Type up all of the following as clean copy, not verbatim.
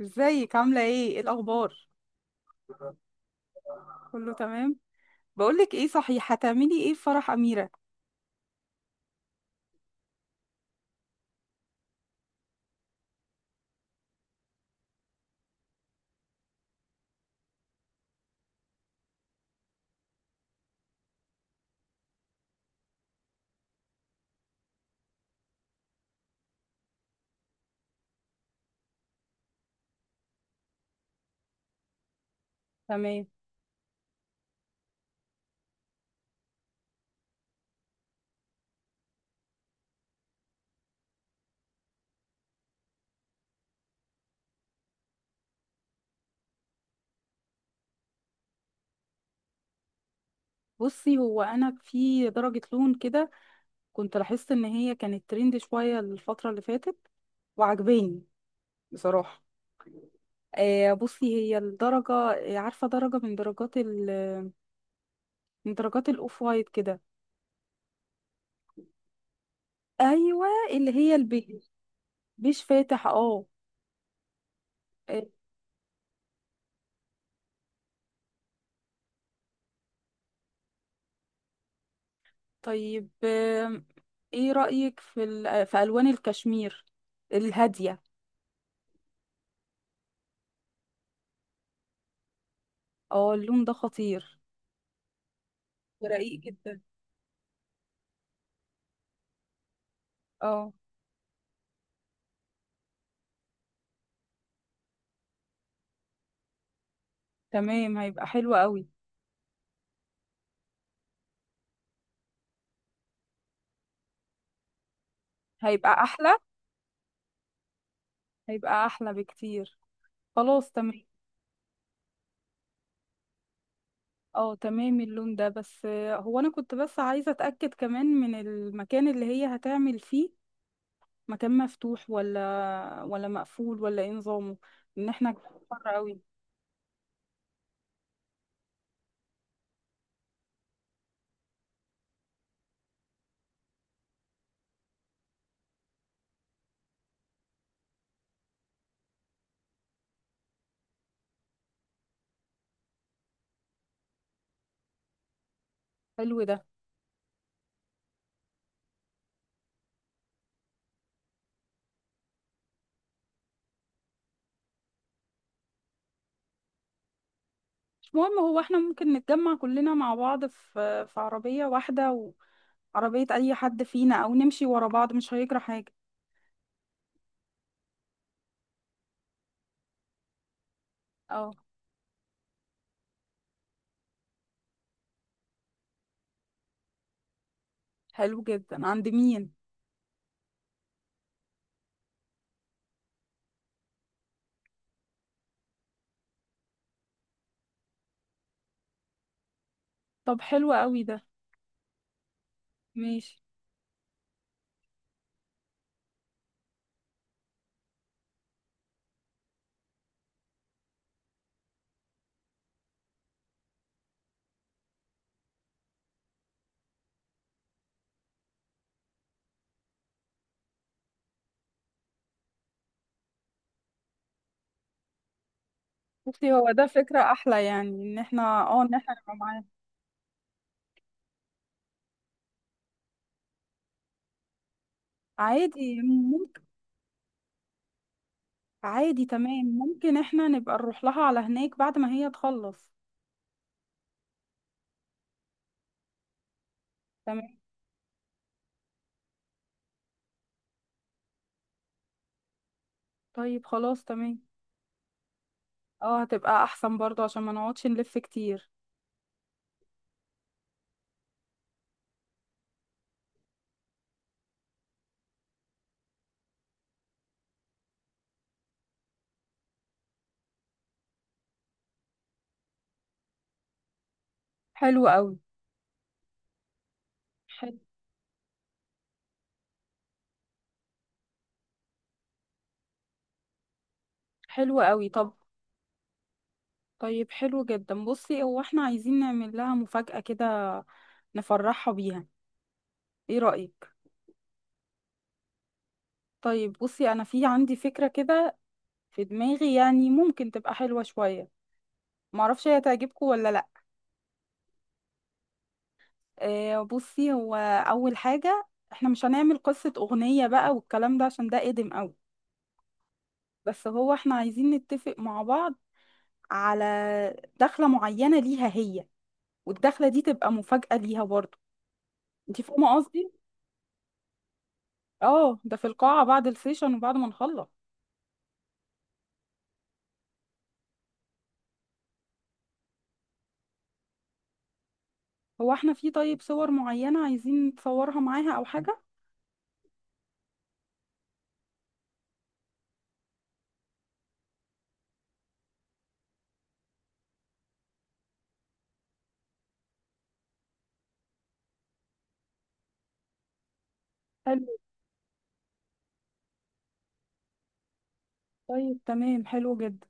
ازيك عاملة ايه الأخبار؟ كله تمام. بقولك ايه، صحيح هتعملي ايه في فرح أميرة؟ تمام. بصي، هو أنا في درجة لون كده، كنت لاحظت إن هي كانت ترند شوية الفترة اللي فاتت، وعجباني بصراحة. آه بصي، هي الدرجة عارفة درجة من درجات من درجات الأوف وايت كده. أيوة اللي هي البيج. بيج فاتح اه. آه، طيب. ايه رأيك في في ألوان الكشمير الهادية؟ اه اللون ده خطير، ورقيق جدا. اه تمام، هيبقى حلو قوي. هيبقى احلى. هيبقى احلى بكتير. خلاص تمام. اه تمام اللون ده، بس هو انا كنت بس عايزة اتأكد كمان من المكان اللي هي هتعمل فيه. مكان مفتوح ولا مقفول ولا ايه نظامه؟ ان احنا حر قوي. حلو ده. مش مهم، هو احنا ممكن نتجمع كلنا مع بعض في في عربية واحدة، وعربية اي حد فينا او نمشي ورا بعض، مش هيجرى حاجة. اه حلو جدا، عند مين؟ طب حلو قوي ده. ماشي. بصي هو ده فكرة أحلى، يعني إن احنا اه إن احنا نبقى معاها. عادي ممكن. عادي تمام، ممكن احنا نبقى نروح لها على هناك بعد ما هي تخلص. تمام. طيب خلاص تمام. اه هتبقى أحسن برضه عشان ما نقعدش نلف كتير. حلو قوي. حلو. حلو قوي، طب. طيب حلو جدا، بصي هو احنا عايزين نعمل لها مفاجأة كده، نفرحها بيها، ايه رأيك؟ طيب بصي أنا في عندي فكرة كده في دماغي، يعني ممكن تبقى حلوة شوية، معرفش هي تعجبكم ولا لأ. بصي هو اول حاجه احنا مش هنعمل قصه اغنيه بقى والكلام ده عشان ده قديم قوي. بس هو احنا عايزين نتفق مع بعض على دخله معينه ليها هي، والدخله دي تبقى مفاجاه ليها برضو، انت فاهمه قصدي؟ اه ده في القاعه بعد السيشن وبعد ما نخلص. هو احنا في طيب صور معينه عايزين نتصورها معاها او حاجه؟ حلو. طيب تمام حلو جدا.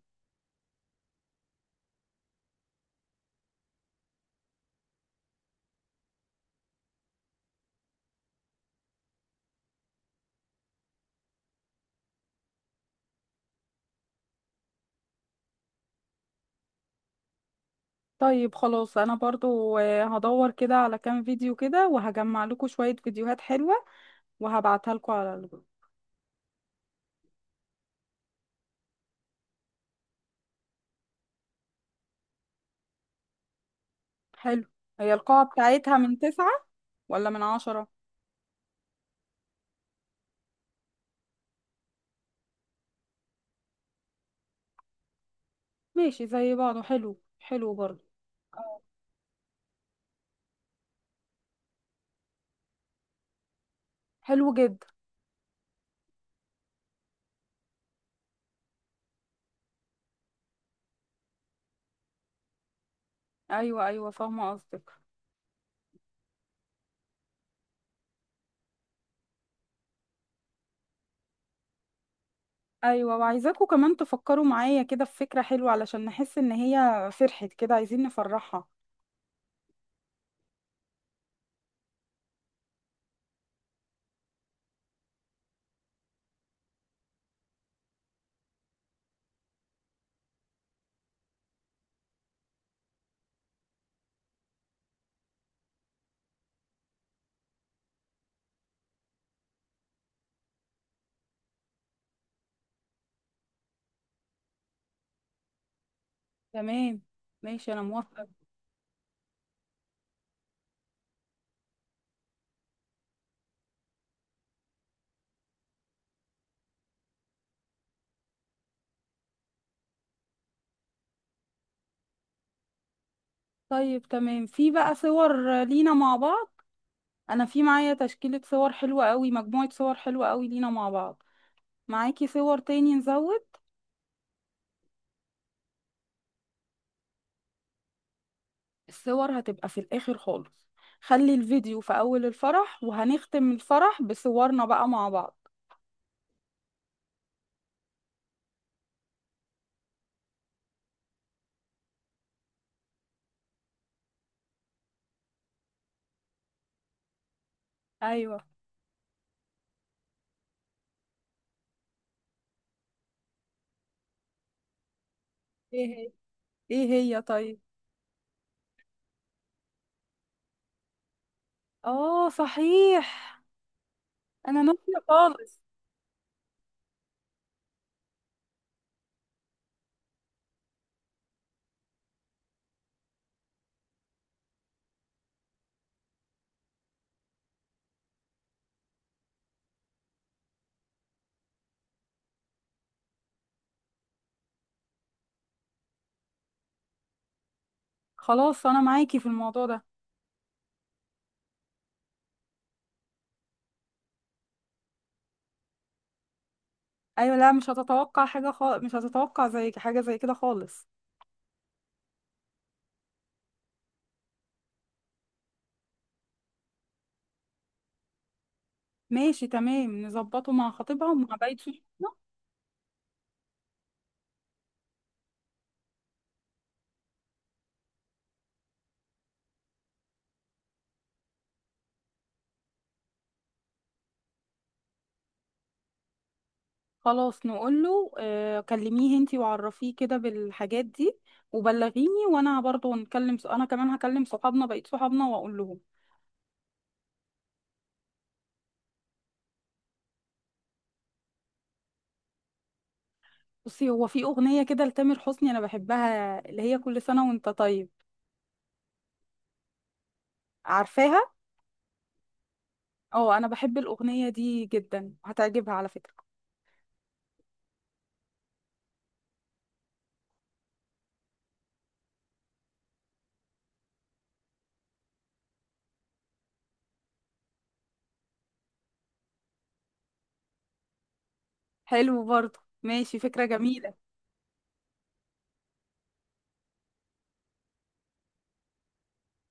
طيب خلاص، انا برضو هدور كده على كام فيديو كده وهجمع لكم شويه فيديوهات حلوه، وهبعتها لكم على. حلو. هي القاعة بتاعتها من تسعة ولا من عشرة؟ ماشي زي بعضه، حلو حلو برضه. آه. حلو جدا. أيوة أيوة فاهمة قصدك. أيوة، وعايزاكوا كمان تفكروا معايا كده في فكرة حلوة علشان نحس إن هي فرحت كده، عايزين نفرحها. تمام ماشي، أنا موافقة. طيب تمام، في بقى صور لينا مع بعض، أنا في معايا تشكيلة صور حلوة قوي، مجموعة صور حلوة قوي لينا مع بعض، معاكي صور تاني نزود؟ الصور هتبقى في الآخر خالص، خلي الفيديو في أول الفرح وهنختم الفرح بصورنا بقى مع بعض. أيوة. ايه هي؟ إيه هي؟ طيب. آه صحيح، أنا ناسية خالص. خلاص أنا معاكي في الموضوع ده. أيوة لا، مش هتتوقع حاجة خالص، مش هتتوقع زي حاجة زي كده خالص. ماشي تمام، نظبطه مع خطيبها ومع باقي. خلاص نقول له، كلميه انتي وعرفيه كده بالحاجات دي وبلغيني، وانا برضه نكلم، انا كمان هكلم صحابنا بقيت صحابنا واقول لهم. بصي هو في اغنيه كده لتامر حسني انا بحبها، اللي هي كل سنه وانت طيب، عارفاها؟ اه انا بحب الاغنيه دي جدا، هتعجبها على فكره. حلو برضه، ماشي فكره جميله.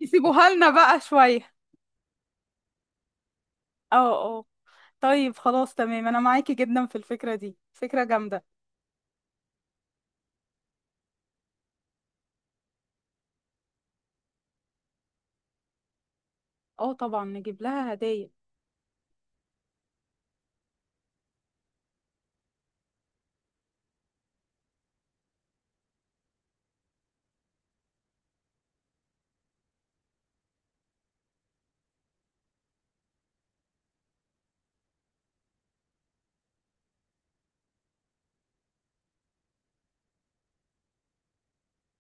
يسيبوها لنا بقى شويه. اه. اه. طيب خلاص تمام، انا معاكي جدا في الفكره دي، فكره جامده. اه طبعا نجيب لها هدايا.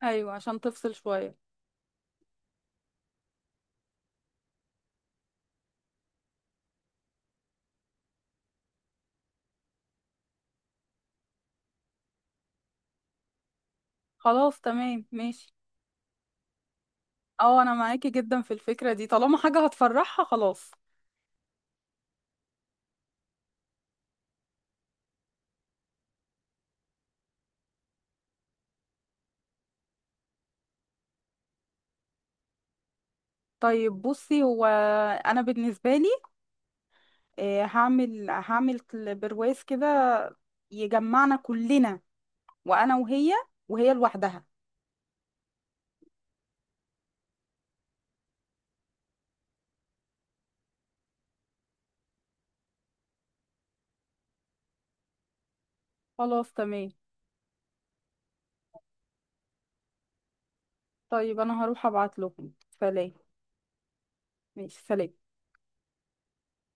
ايوه عشان تفصل شويه. خلاص تمام ماشي. اه انا معاكي جدا في الفكرة دي، طالما حاجة هتفرحها خلاص. طيب بصي، هو انا بالنسبة لي هعمل هعمل برواز كده يجمعنا كلنا، وانا وهي، وهي لوحدها. خلاص تمام. طيب انا هروح ابعت لهم. سلام. ماشي سلام.